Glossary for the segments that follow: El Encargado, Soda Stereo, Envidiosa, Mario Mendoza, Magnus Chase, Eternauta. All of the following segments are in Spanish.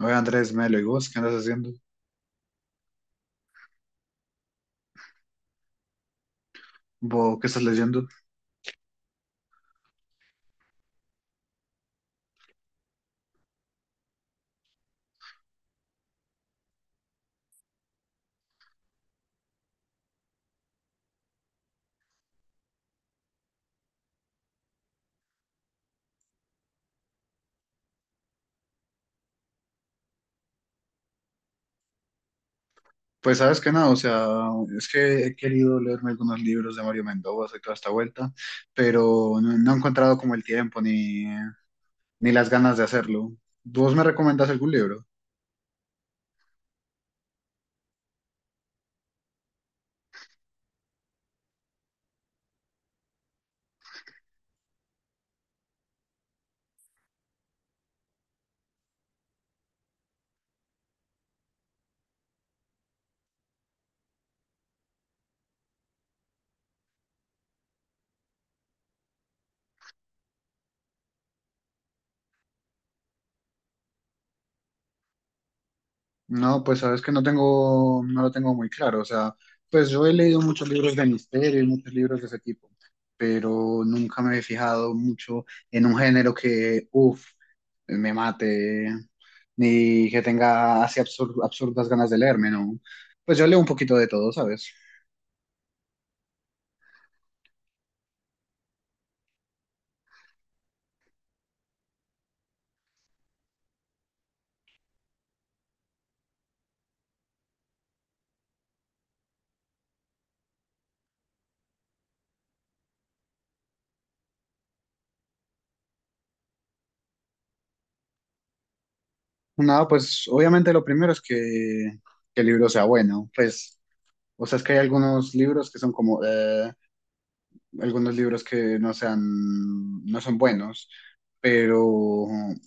Oye, Andrés, Melo, ¿y vos qué andas haciendo? ¿Vos qué estás leyendo? Pues sabes que nada, o sea, es que he querido leerme algunos libros de Mario Mendoza y toda esta vuelta, pero no, no he encontrado como el tiempo ni las ganas de hacerlo. ¿Vos me recomendás algún libro? No, pues sabes que no tengo, no lo tengo muy claro. O sea, pues yo he leído muchos libros de misterio y muchos libros de ese tipo, pero nunca me he fijado mucho en un género que, uff, me mate, ni que tenga así absurdas ganas de leerme, ¿no? Pues yo leo un poquito de todo, ¿sabes? Nada, pues obviamente lo primero es que el libro sea bueno. Pues, o sea, es que hay algunos libros que son como, algunos libros que no sean, no son buenos, pero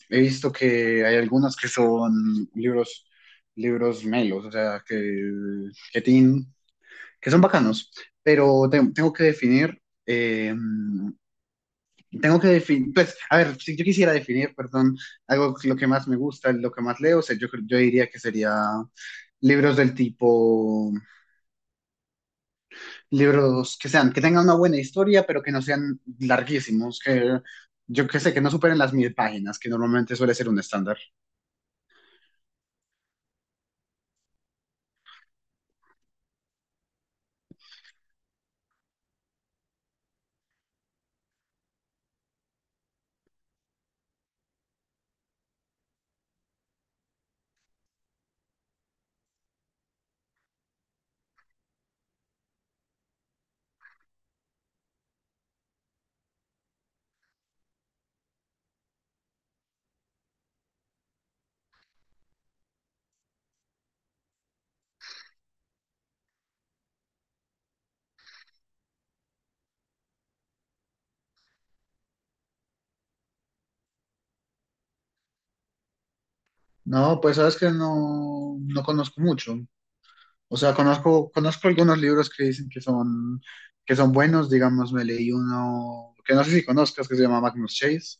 he visto que hay algunos que son libros, libros melos, o sea, que, tienen, que son bacanos, pero eh, tengo que definir, pues, a ver, si yo quisiera definir, perdón, algo lo que más me gusta, lo que más leo, o sea, yo diría que sería libros del tipo libros que sean, que tengan una buena historia, pero que no sean larguísimos, que yo que sé, que no superen las 1.000 páginas, que normalmente suele ser un estándar. No, pues sabes que no, no conozco mucho. O sea, conozco algunos libros que dicen que son buenos, digamos, me leí uno que no sé si conozcas, que se llama Magnus Chase,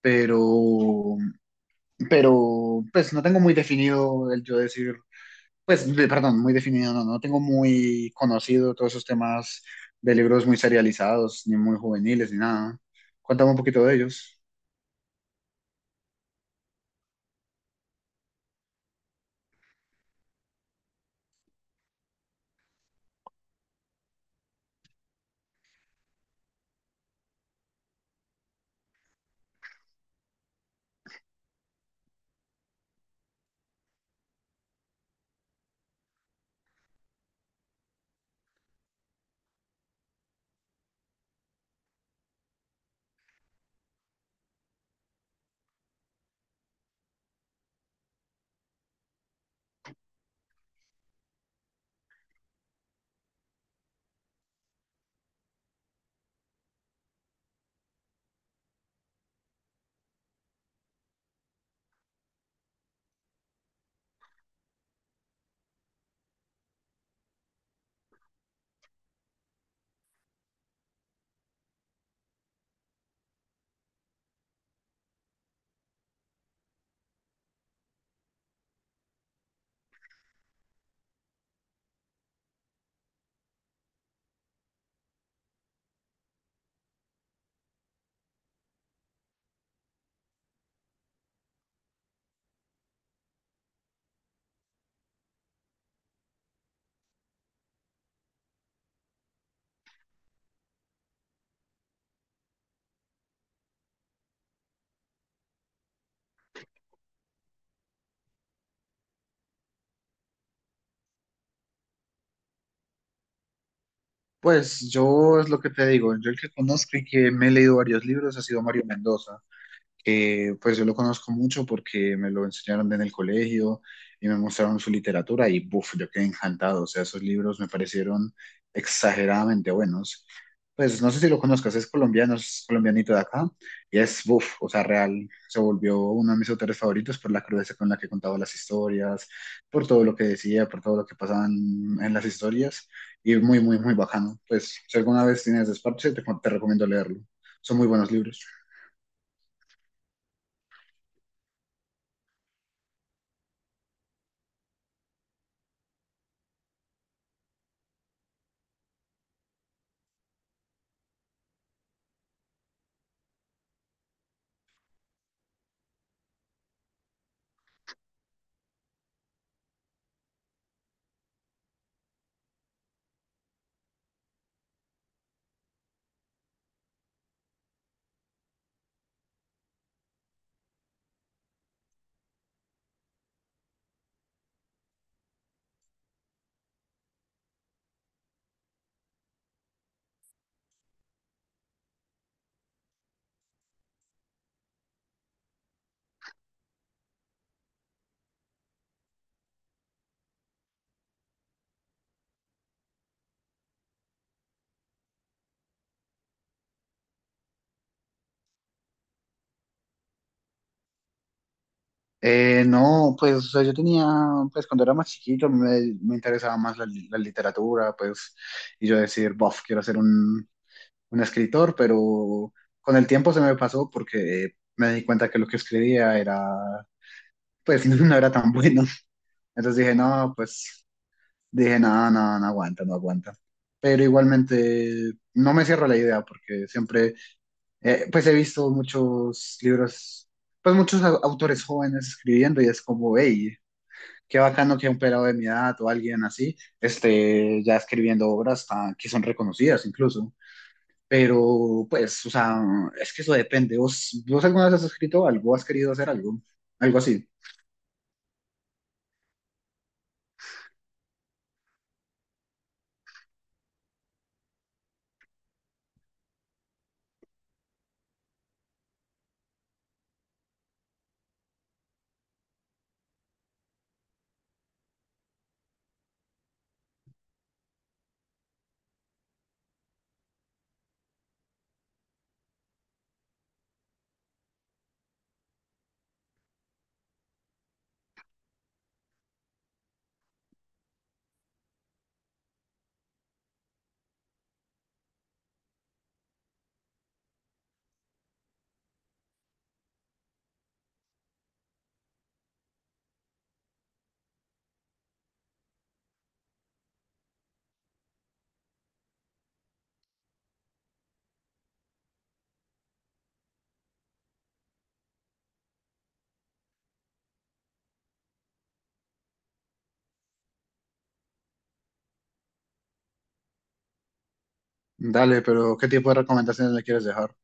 pero, pero pues no tengo muy definido el yo decir, pues, perdón, muy definido, no, no tengo muy conocido todos esos temas de libros muy serializados, ni muy juveniles, ni nada. Cuéntame un poquito de ellos. Pues yo es lo que te digo, yo el que conozco y que me he leído varios libros ha sido Mario Mendoza. Que pues yo lo conozco mucho porque me lo enseñaron en el colegio y me mostraron su literatura y buf, yo quedé encantado, o sea, esos libros me parecieron exageradamente buenos. Pues no sé si lo conozcas, es colombiano, es colombianito de acá y es buf, o sea, real, se volvió uno de mis autores favoritos por la crudeza con la que contaba las historias, por todo lo que decía, por todo lo que pasaba en las historias y muy, muy, muy bacano. Pues si alguna vez tienes desparche, te recomiendo leerlo. Son muy buenos libros. No, pues o sea, yo tenía, pues cuando era más chiquito me interesaba más la literatura, pues, y yo decir, bof, quiero ser un, escritor, pero con el tiempo se me pasó porque me di cuenta que lo que escribía era, pues, no era tan bueno. Entonces dije, no, pues, dije, no, no, no aguanta, no aguanta. Pero igualmente no me cierro la idea porque siempre, pues, he visto muchos libros, pues, muchos autores jóvenes escribiendo y es como, hey, qué bacano que un pelado de mi edad o alguien así esté ya escribiendo obras que son reconocidas incluso. Pero pues, o sea, es que eso depende. ¿Vos alguna vez has escrito algo? ¿Has querido hacer algo? Algo así. Dale, pero ¿qué tipo de recomendaciones le quieres dejar?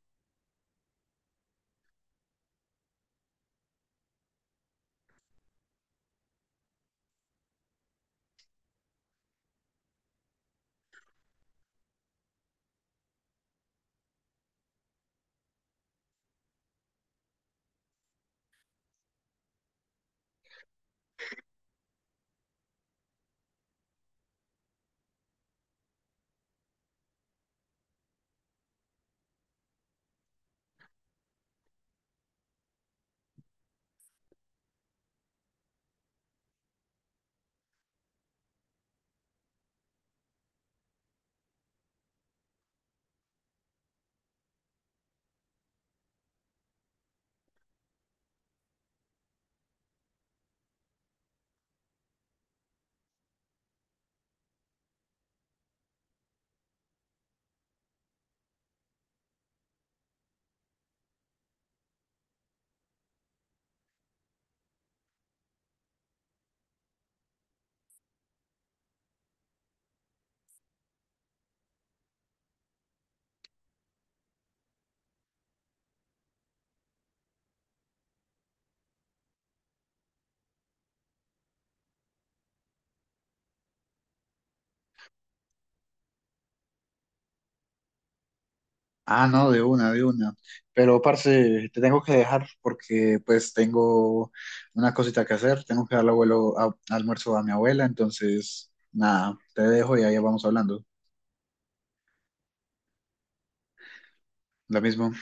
Ah, no, de una, de una. Pero, parce, te tengo que dejar porque pues tengo una cosita que hacer. Tengo que darle almuerzo a mi abuela, entonces, nada, te dejo y ahí vamos hablando. Lo mismo.